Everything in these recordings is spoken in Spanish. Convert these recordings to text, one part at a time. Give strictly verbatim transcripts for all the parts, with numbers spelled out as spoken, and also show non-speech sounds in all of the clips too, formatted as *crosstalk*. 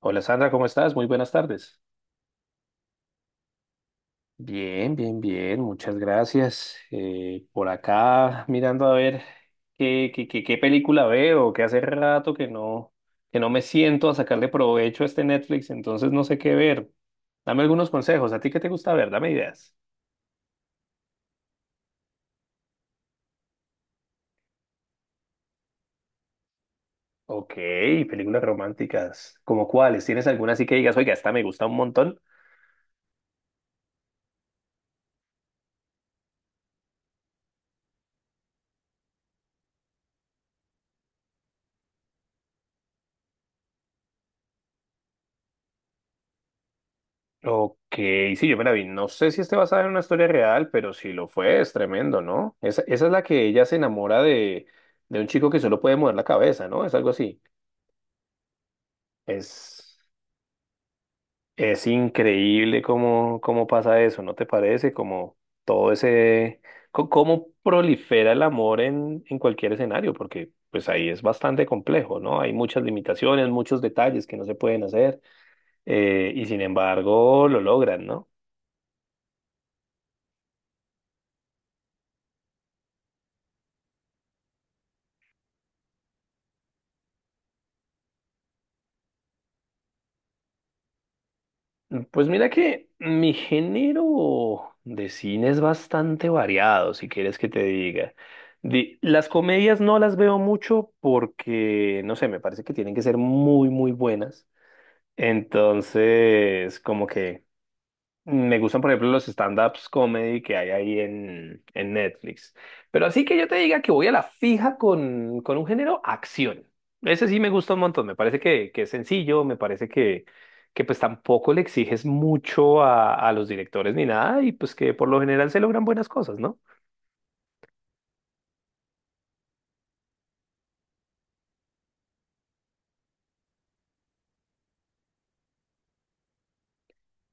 Hola Sandra, ¿cómo estás? Muy buenas tardes. Bien, bien, bien, muchas gracias. Eh, por acá mirando a ver qué, qué, qué, qué película veo, que hace rato que no, que no me siento a sacarle provecho a este Netflix, entonces no sé qué ver. Dame algunos consejos, ¿a ti qué te gusta ver? Dame ideas. Ok, películas románticas. ¿Como cuáles? ¿Tienes alguna así que digas, oiga, esta me gusta un montón? Ok, sí, yo me la vi. No sé si esté basada en una historia real, pero si lo fue, es tremendo, ¿no? Esa, esa es la que ella se enamora de, de un chico que solo puede mover la cabeza, ¿no? Es algo así. Es, es increíble cómo, cómo pasa eso, ¿no te parece? Como todo ese, co- cómo prolifera el amor en, en cualquier escenario, porque pues ahí es bastante complejo, ¿no? Hay muchas limitaciones, muchos detalles que no se pueden hacer, eh, y sin embargo lo logran, ¿no? Pues mira que mi género de cine es bastante variado, si quieres que te diga. Di- las comedias no las veo mucho porque, no sé, me parece que tienen que ser muy, muy buenas. Entonces, como que me gustan, por ejemplo, los stand-ups comedy que hay ahí en, en Netflix. Pero así que yo te diga que voy a la fija con, con un género, acción. Ese sí me gusta un montón. Me parece que, que es sencillo, me parece que, que pues tampoco le exiges mucho a, a los directores ni nada y pues que por lo general se logran buenas cosas, ¿no?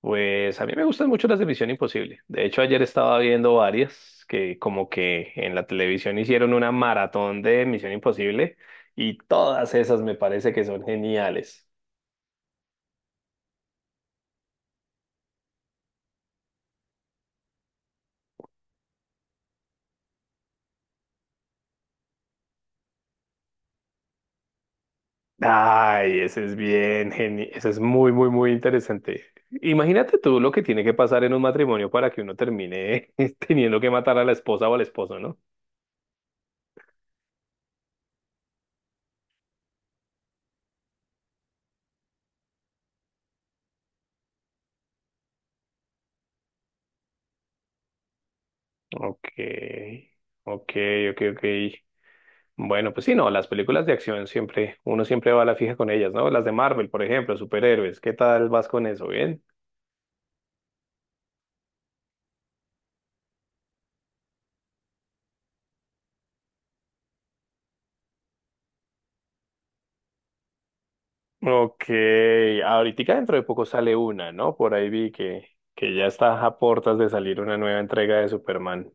Pues a mí me gustan mucho las de Misión Imposible. De hecho, ayer estaba viendo varias que como que en la televisión hicieron una maratón de Misión Imposible y todas esas me parece que son geniales. Ay, ese es bien genial, ese es muy, muy, muy interesante. Imagínate tú lo que tiene que pasar en un matrimonio para que uno termine *laughs* teniendo que matar a la esposa o al esposo, ¿no? Ok, ok, ok, ok. Bueno, pues sí, no, las películas de acción siempre, uno siempre va a la fija con ellas, ¿no? Las de Marvel, por ejemplo, superhéroes, ¿qué tal vas con eso? ¿Bien? Ok, ahorita dentro de poco sale una, ¿no? Por ahí vi que, que ya está a portas de salir una nueva entrega de Superman.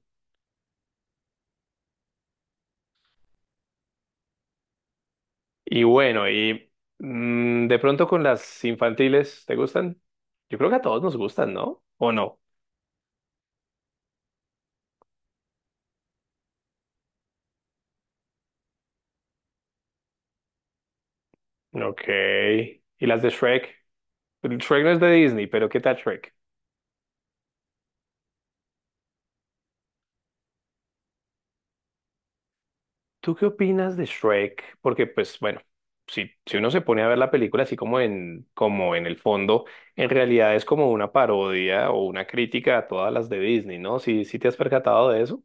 Y bueno, y mm, de pronto con las infantiles, ¿te gustan? Yo creo que a todos nos gustan, ¿no? ¿O no? Ok. ¿Y las de Shrek? Shrek no es de Disney, pero ¿qué tal Shrek? ¿Tú qué opinas de Shrek? Porque, pues, bueno, si, si uno se pone a ver la película así como en, como en el fondo, en realidad es como una parodia o una crítica a todas las de Disney, ¿no? Si, si te has percatado de eso.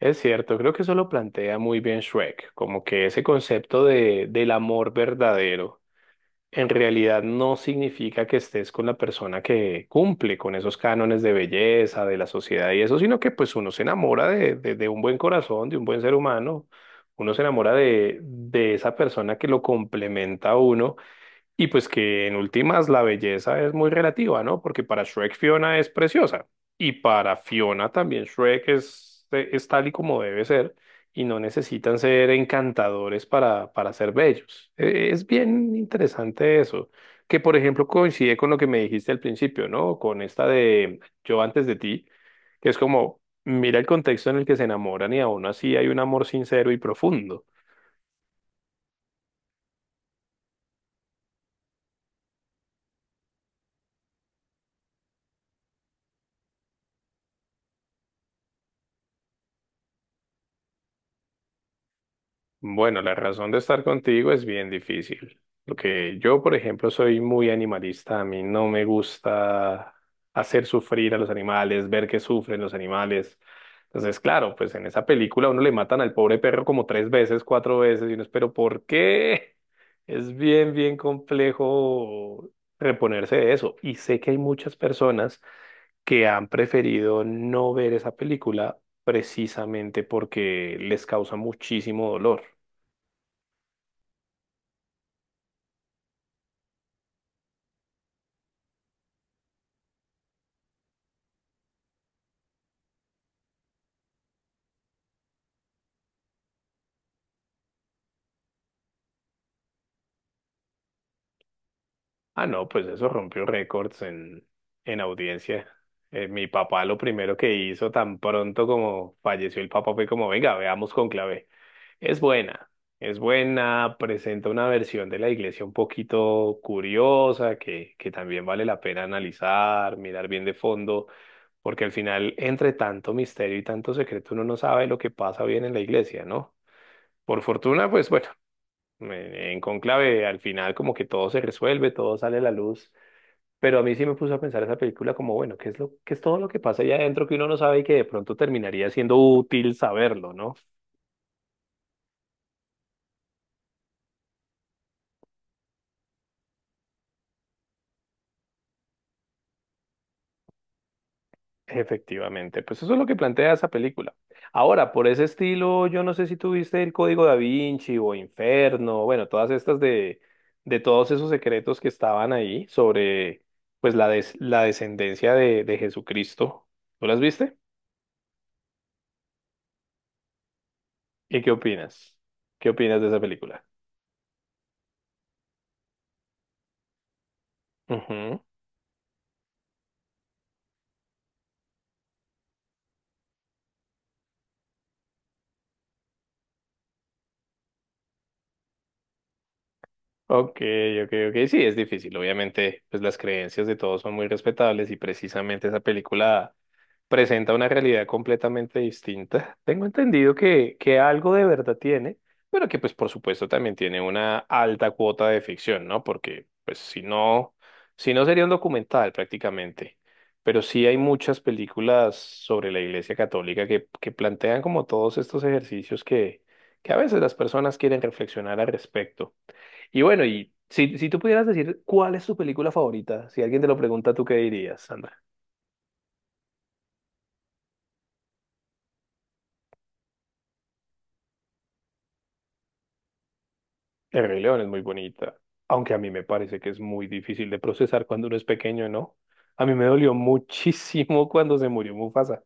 Es cierto, creo que eso lo plantea muy bien Shrek, como que ese concepto de, del amor verdadero en realidad no significa que estés con la persona que cumple con esos cánones de belleza, de la sociedad y eso, sino que pues uno se enamora de, de, de un buen corazón, de un buen ser humano, uno se enamora de, de esa persona que lo complementa a uno y pues que en últimas la belleza es muy relativa, ¿no? Porque para Shrek Fiona es preciosa y para Fiona también Shrek es, es tal y como debe ser y no necesitan ser encantadores para, para ser bellos. Eh, Es bien interesante eso, que por ejemplo coincide con lo que me dijiste al principio, ¿no? Con esta de Yo antes de ti, que es como, mira el contexto en el que se enamoran y aún así hay un amor sincero y profundo. Bueno, la razón de estar contigo es bien difícil, porque yo, por ejemplo, soy muy animalista, a mí no me gusta hacer sufrir a los animales, ver que sufren los animales. Entonces, claro, pues en esa película a uno le matan al pobre perro como tres veces, cuatro veces, y uno es, pero ¿por qué? *laughs* Es bien, bien complejo reponerse de eso. Y sé que hay muchas personas que han preferido no ver esa película precisamente porque les causa muchísimo dolor. Ah, no, pues eso rompió récords en, en audiencia. Eh, mi papá lo primero que hizo tan pronto como falleció el papá fue como, venga, veamos Cónclave. Es buena, es buena, presenta una versión de la iglesia un poquito curiosa que, que también vale la pena analizar, mirar bien de fondo, porque al final, entre tanto misterio y tanto secreto, uno no sabe lo que pasa bien en la iglesia, ¿no? Por fortuna, pues bueno, en en Cónclave al final como que todo se resuelve, todo sale a la luz. Pero a mí sí me puso a pensar esa película como, bueno, ¿qué es lo, qué es todo lo que pasa allá adentro que uno no sabe y que de pronto terminaría siendo útil saberlo, ¿no? Efectivamente, pues eso es lo que plantea esa película. Ahora, por ese estilo, yo no sé si tuviste El Código Da Vinci o Inferno, bueno, todas estas de, de todos esos secretos que estaban ahí sobre, pues, la, des- la descendencia de, de Jesucristo. ¿Tú las viste? ¿Y qué opinas? ¿Qué opinas de esa película? Ujú. Ok, ok, ok. Sí, es difícil. Obviamente, pues las creencias de todos son muy respetables y precisamente esa película presenta una realidad completamente distinta. Tengo entendido que, que algo de verdad tiene, pero que pues por supuesto también tiene una alta cuota de ficción, ¿no? Porque pues si no, si no sería un documental prácticamente. Pero sí hay muchas películas sobre la Iglesia Católica que, que plantean como todos estos ejercicios que, que a veces las personas quieren reflexionar al respecto. Y bueno, y si, si tú pudieras decir cuál es tu película favorita, si alguien te lo pregunta, ¿tú qué dirías, Sandra? El Rey León es muy bonita, aunque a mí me parece que es muy difícil de procesar cuando uno es pequeño, ¿no? A mí me dolió *laughs* muchísimo cuando se murió Mufasa.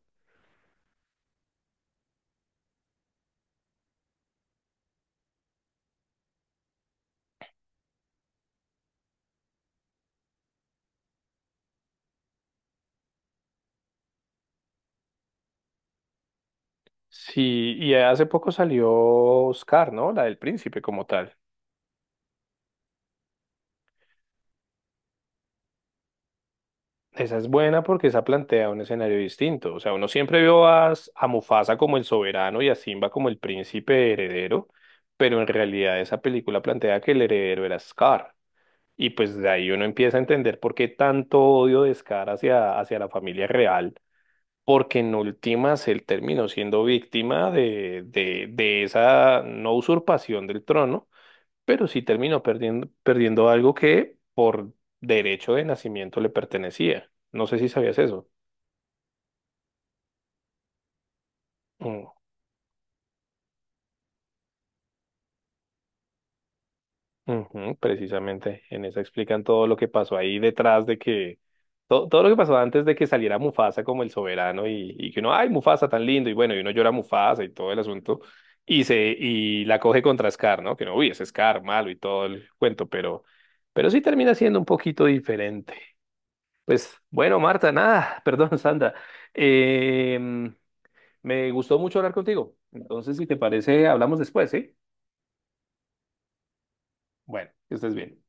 Sí, y hace poco salió Oscar, ¿no? La del príncipe como tal. Esa es buena porque esa plantea un escenario distinto. O sea, uno siempre vio a, a Mufasa como el soberano y a Simba como el príncipe heredero, pero en realidad esa película plantea que el heredero era Scar. Y pues de ahí uno empieza a entender por qué tanto odio, descaro hacia, hacia la familia real, porque en últimas él terminó siendo víctima de, de, de esa no usurpación del trono, pero sí terminó perdiendo, perdiendo algo que por derecho de nacimiento le pertenecía. No sé si sabías eso. Mm. Ujú, precisamente, en esa explican todo lo que pasó ahí detrás de que, todo, todo lo que pasó antes de que saliera Mufasa como el soberano y, y que uno, ay, Mufasa tan lindo, y bueno, y uno llora a Mufasa y todo el asunto, y se, y la coge contra Scar, ¿no? Que no, uy, es Scar malo y todo el cuento, pero, pero sí termina siendo un poquito diferente. Pues bueno, Marta, nada, *laughs* perdón, Sandra, em, me gustó mucho hablar contigo, entonces si te parece, hablamos después, ¿sí? Bueno, que estés bien.